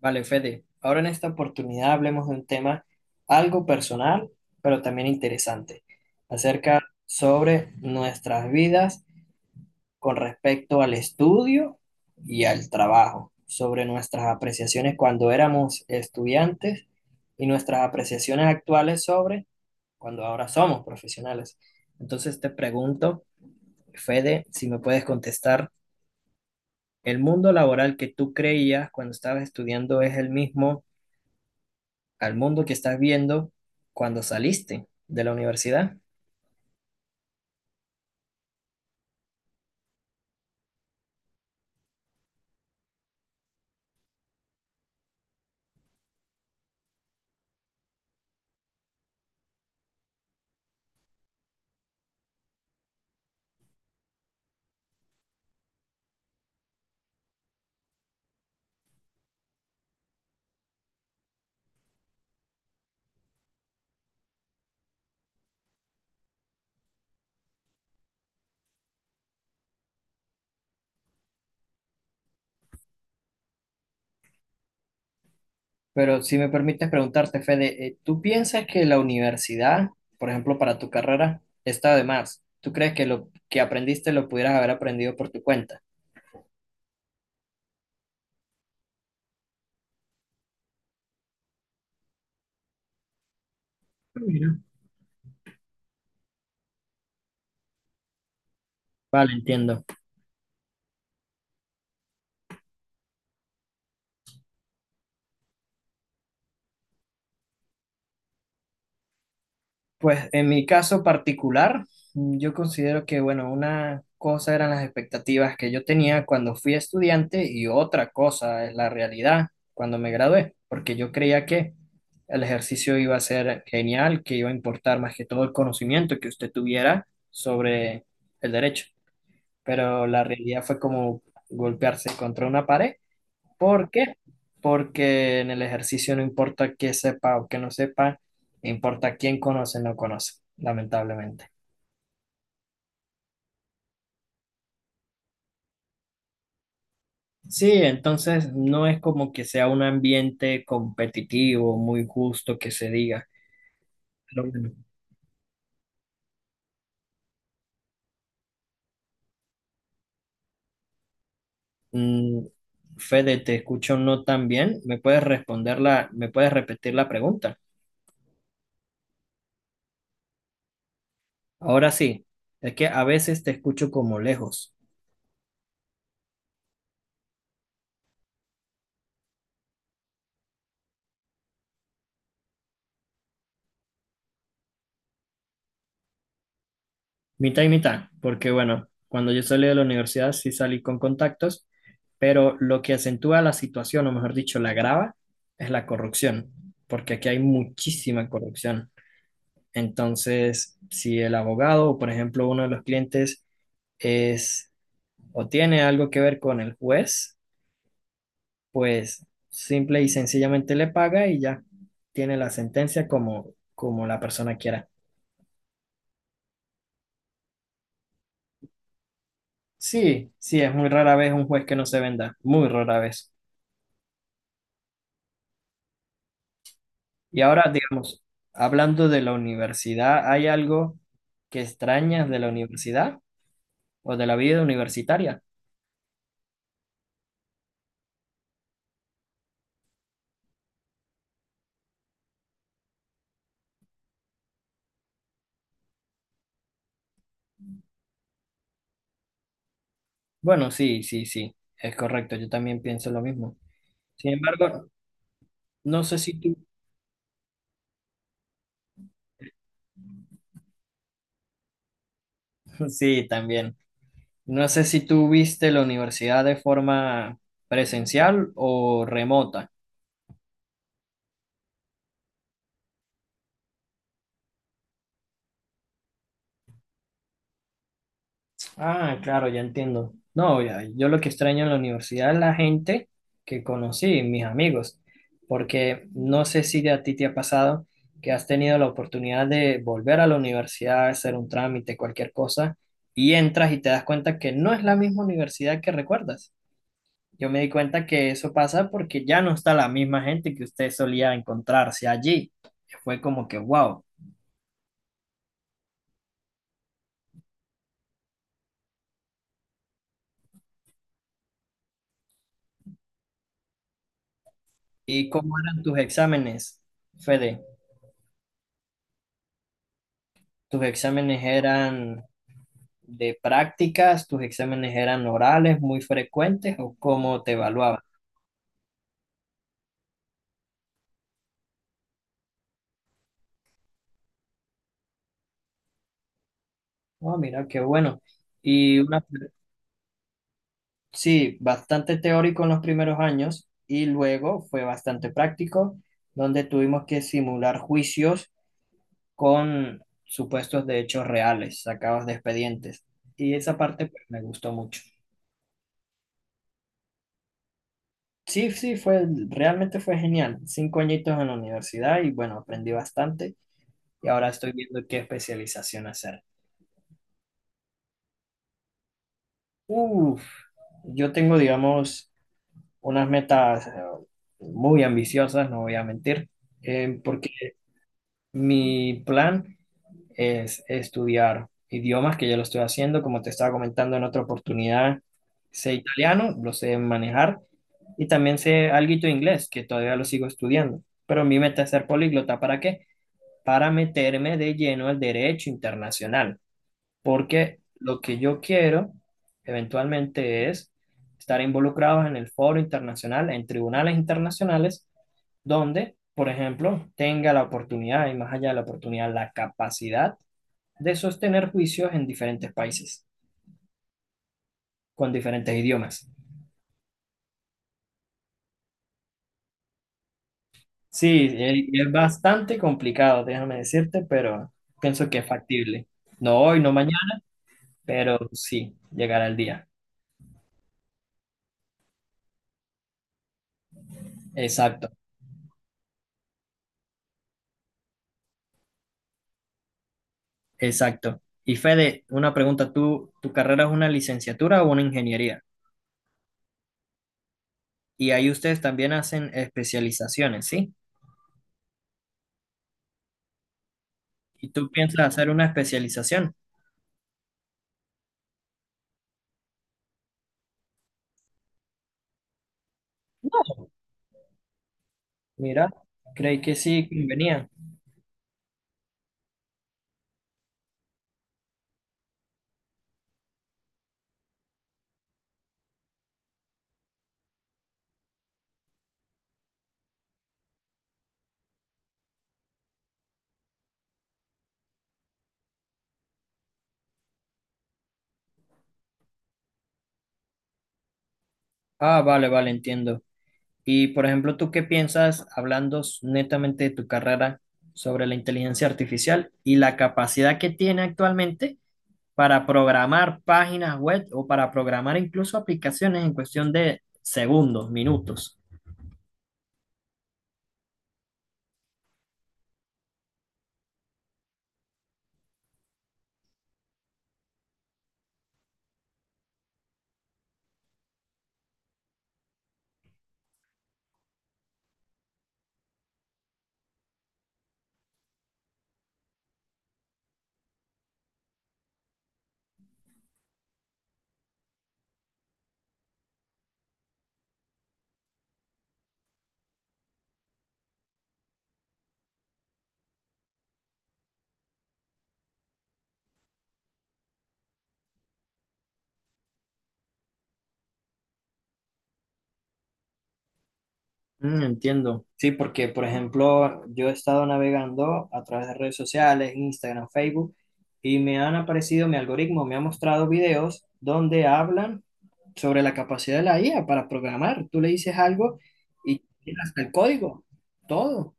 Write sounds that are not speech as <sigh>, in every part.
Vale, Fede, ahora en esta oportunidad hablemos de un tema algo personal, pero también interesante, acerca sobre nuestras vidas con respecto al estudio y al trabajo, sobre nuestras apreciaciones cuando éramos estudiantes y nuestras apreciaciones actuales sobre cuando ahora somos profesionales. Entonces te pregunto, Fede, si me puedes contestar, ¿el mundo laboral que tú creías cuando estabas estudiando es el mismo al mundo que estás viendo cuando saliste de la universidad? Pero si me permites preguntarte, Fede, ¿tú piensas que la universidad, por ejemplo, para tu carrera, está de más? ¿Tú crees que lo que aprendiste lo pudieras haber aprendido por tu cuenta? Mira. Vale, entiendo. Pues en mi caso particular, yo considero que, bueno, una cosa eran las expectativas que yo tenía cuando fui estudiante y otra cosa es la realidad cuando me gradué, porque yo creía que el ejercicio iba a ser genial, que iba a importar más que todo el conocimiento que usted tuviera sobre el derecho, pero la realidad fue como golpearse contra una pared. ¿Por qué? Porque en el ejercicio no importa qué sepa o qué no sepa, importa quién conoce o no conoce, lamentablemente. Sí, entonces no es como que sea un ambiente competitivo, muy justo que se diga. Pero bueno, mm, Fede, te escucho no tan bien. ¿Me puedes responder la, me puedes repetir la pregunta? Ahora sí, es que a veces te escucho como lejos. Mitad y mitad, porque bueno, cuando yo salí de la universidad sí salí con contactos, pero lo que acentúa la situación, o mejor dicho, la agrava, es la corrupción, porque aquí hay muchísima corrupción. Entonces, si el abogado, o por ejemplo, uno de los clientes es o tiene algo que ver con el juez, pues simple y sencillamente le paga y ya tiene la sentencia como, como la persona quiera. Sí, sí, es muy rara vez un juez que no se venda, muy rara vez. Y ahora, digamos, hablando de la universidad, ¿hay algo que extrañas de la universidad o de la vida universitaria? Bueno, sí, sí, sí, es correcto, yo también pienso lo mismo. Sin embargo, no sé si tú, <laughs> sí, también, no sé si tú viste la universidad de forma presencial o remota. Ah, claro, ya entiendo. No, ya, yo lo que extraño en la universidad es la gente que conocí, mis amigos, porque no sé si a ti te ha pasado que has tenido la oportunidad de volver a la universidad, hacer un trámite, cualquier cosa, y entras y te das cuenta que no es la misma universidad que recuerdas. Yo me di cuenta que eso pasa porque ya no está la misma gente que usted solía encontrarse allí. Fue como que, wow. ¿Y cómo eran tus exámenes, Fede? ¿Tus exámenes eran de prácticas, tus exámenes eran orales muy frecuentes o cómo te evaluaban? Oh, mira, qué bueno. Y una, sí, bastante teórico en los primeros años y luego fue bastante práctico, donde tuvimos que simular juicios con supuestos de hechos reales, sacados de expedientes. Y esa parte pues, me gustó mucho. Sí, sí, fue, realmente fue genial. Cinco añitos en la universidad y bueno, aprendí bastante y ahora estoy viendo qué especialización hacer. Uf, yo tengo, digamos, unas metas muy ambiciosas, no voy a mentir, porque mi plan es estudiar idiomas, que ya lo estoy haciendo, como te estaba comentando en otra oportunidad, sé italiano, lo sé manejar, y también sé alguito de inglés, que todavía lo sigo estudiando, pero mi meta es ser políglota. ¿Para qué? Para meterme de lleno al derecho internacional, porque lo que yo quiero eventualmente es estar involucrados en el foro internacional, en tribunales internacionales, donde, por ejemplo, tenga la oportunidad y más allá de la oportunidad, la capacidad de sostener juicios en diferentes países, con diferentes idiomas. Sí, y es bastante complicado, déjame decirte, pero pienso que es factible. No hoy, no mañana, pero sí, llegará el día. Exacto. Exacto. Y Fede, una pregunta, ¿tú, tu carrera es una licenciatura o una ingeniería? Y ahí ustedes también hacen especializaciones, ¿sí? ¿Y tú piensas hacer una especialización? Mira, creí que sí convenía. Ah, vale, vale, entiendo. Y por ejemplo, ¿tú qué piensas, hablando netamente de tu carrera, sobre la inteligencia artificial y la capacidad que tiene actualmente para programar páginas web o para programar incluso aplicaciones en cuestión de segundos, minutos? Mm, entiendo. Sí, porque, por ejemplo, yo he estado navegando a través de redes sociales, Instagram, Facebook, y me han aparecido, mi algoritmo me ha mostrado videos donde hablan sobre la capacidad de la IA para programar. Tú le dices algo y tiene hasta el código, todo.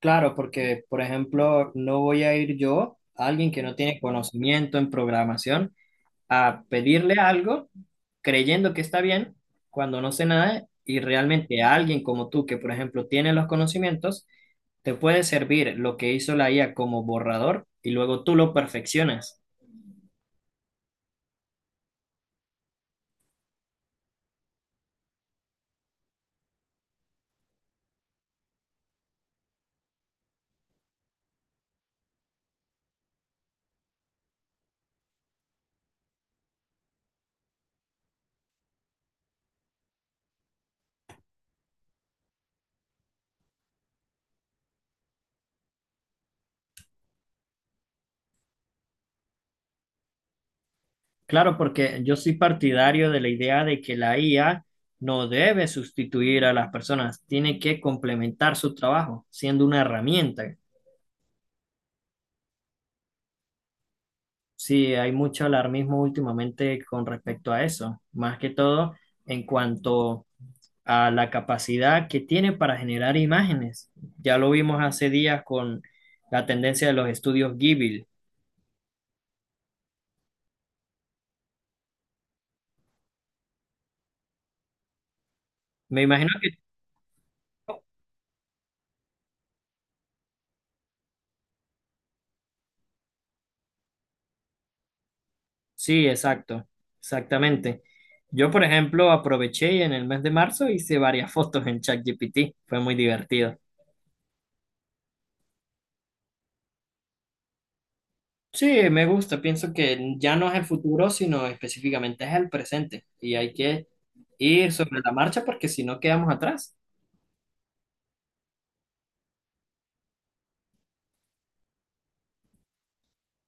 Claro, porque, por ejemplo, no voy a ir yo, alguien que no tiene conocimiento en programación, a pedirle algo creyendo que está bien cuando no sé nada, y realmente a alguien como tú que por ejemplo tiene los conocimientos te puede servir lo que hizo la IA como borrador y luego tú lo perfeccionas. Claro, porque yo soy partidario de la idea de que la IA no debe sustituir a las personas, tiene que complementar su trabajo siendo una herramienta. Sí, hay mucho alarmismo últimamente con respecto a eso, más que todo en cuanto a la capacidad que tiene para generar imágenes. Ya lo vimos hace días con la tendencia de los estudios Ghibli. Me imagino que... Sí, exacto, exactamente. Yo, por ejemplo, aproveché en el mes de marzo, hice varias <laughs> fotos en ChatGPT. Fue muy divertido. Sí, me gusta. Pienso que ya no es el futuro, sino específicamente es el presente. Y hay que ir sobre la marcha porque si no quedamos atrás.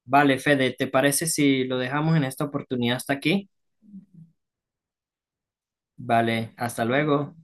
Vale, Fede, ¿te parece si lo dejamos en esta oportunidad hasta aquí? Vale, hasta luego.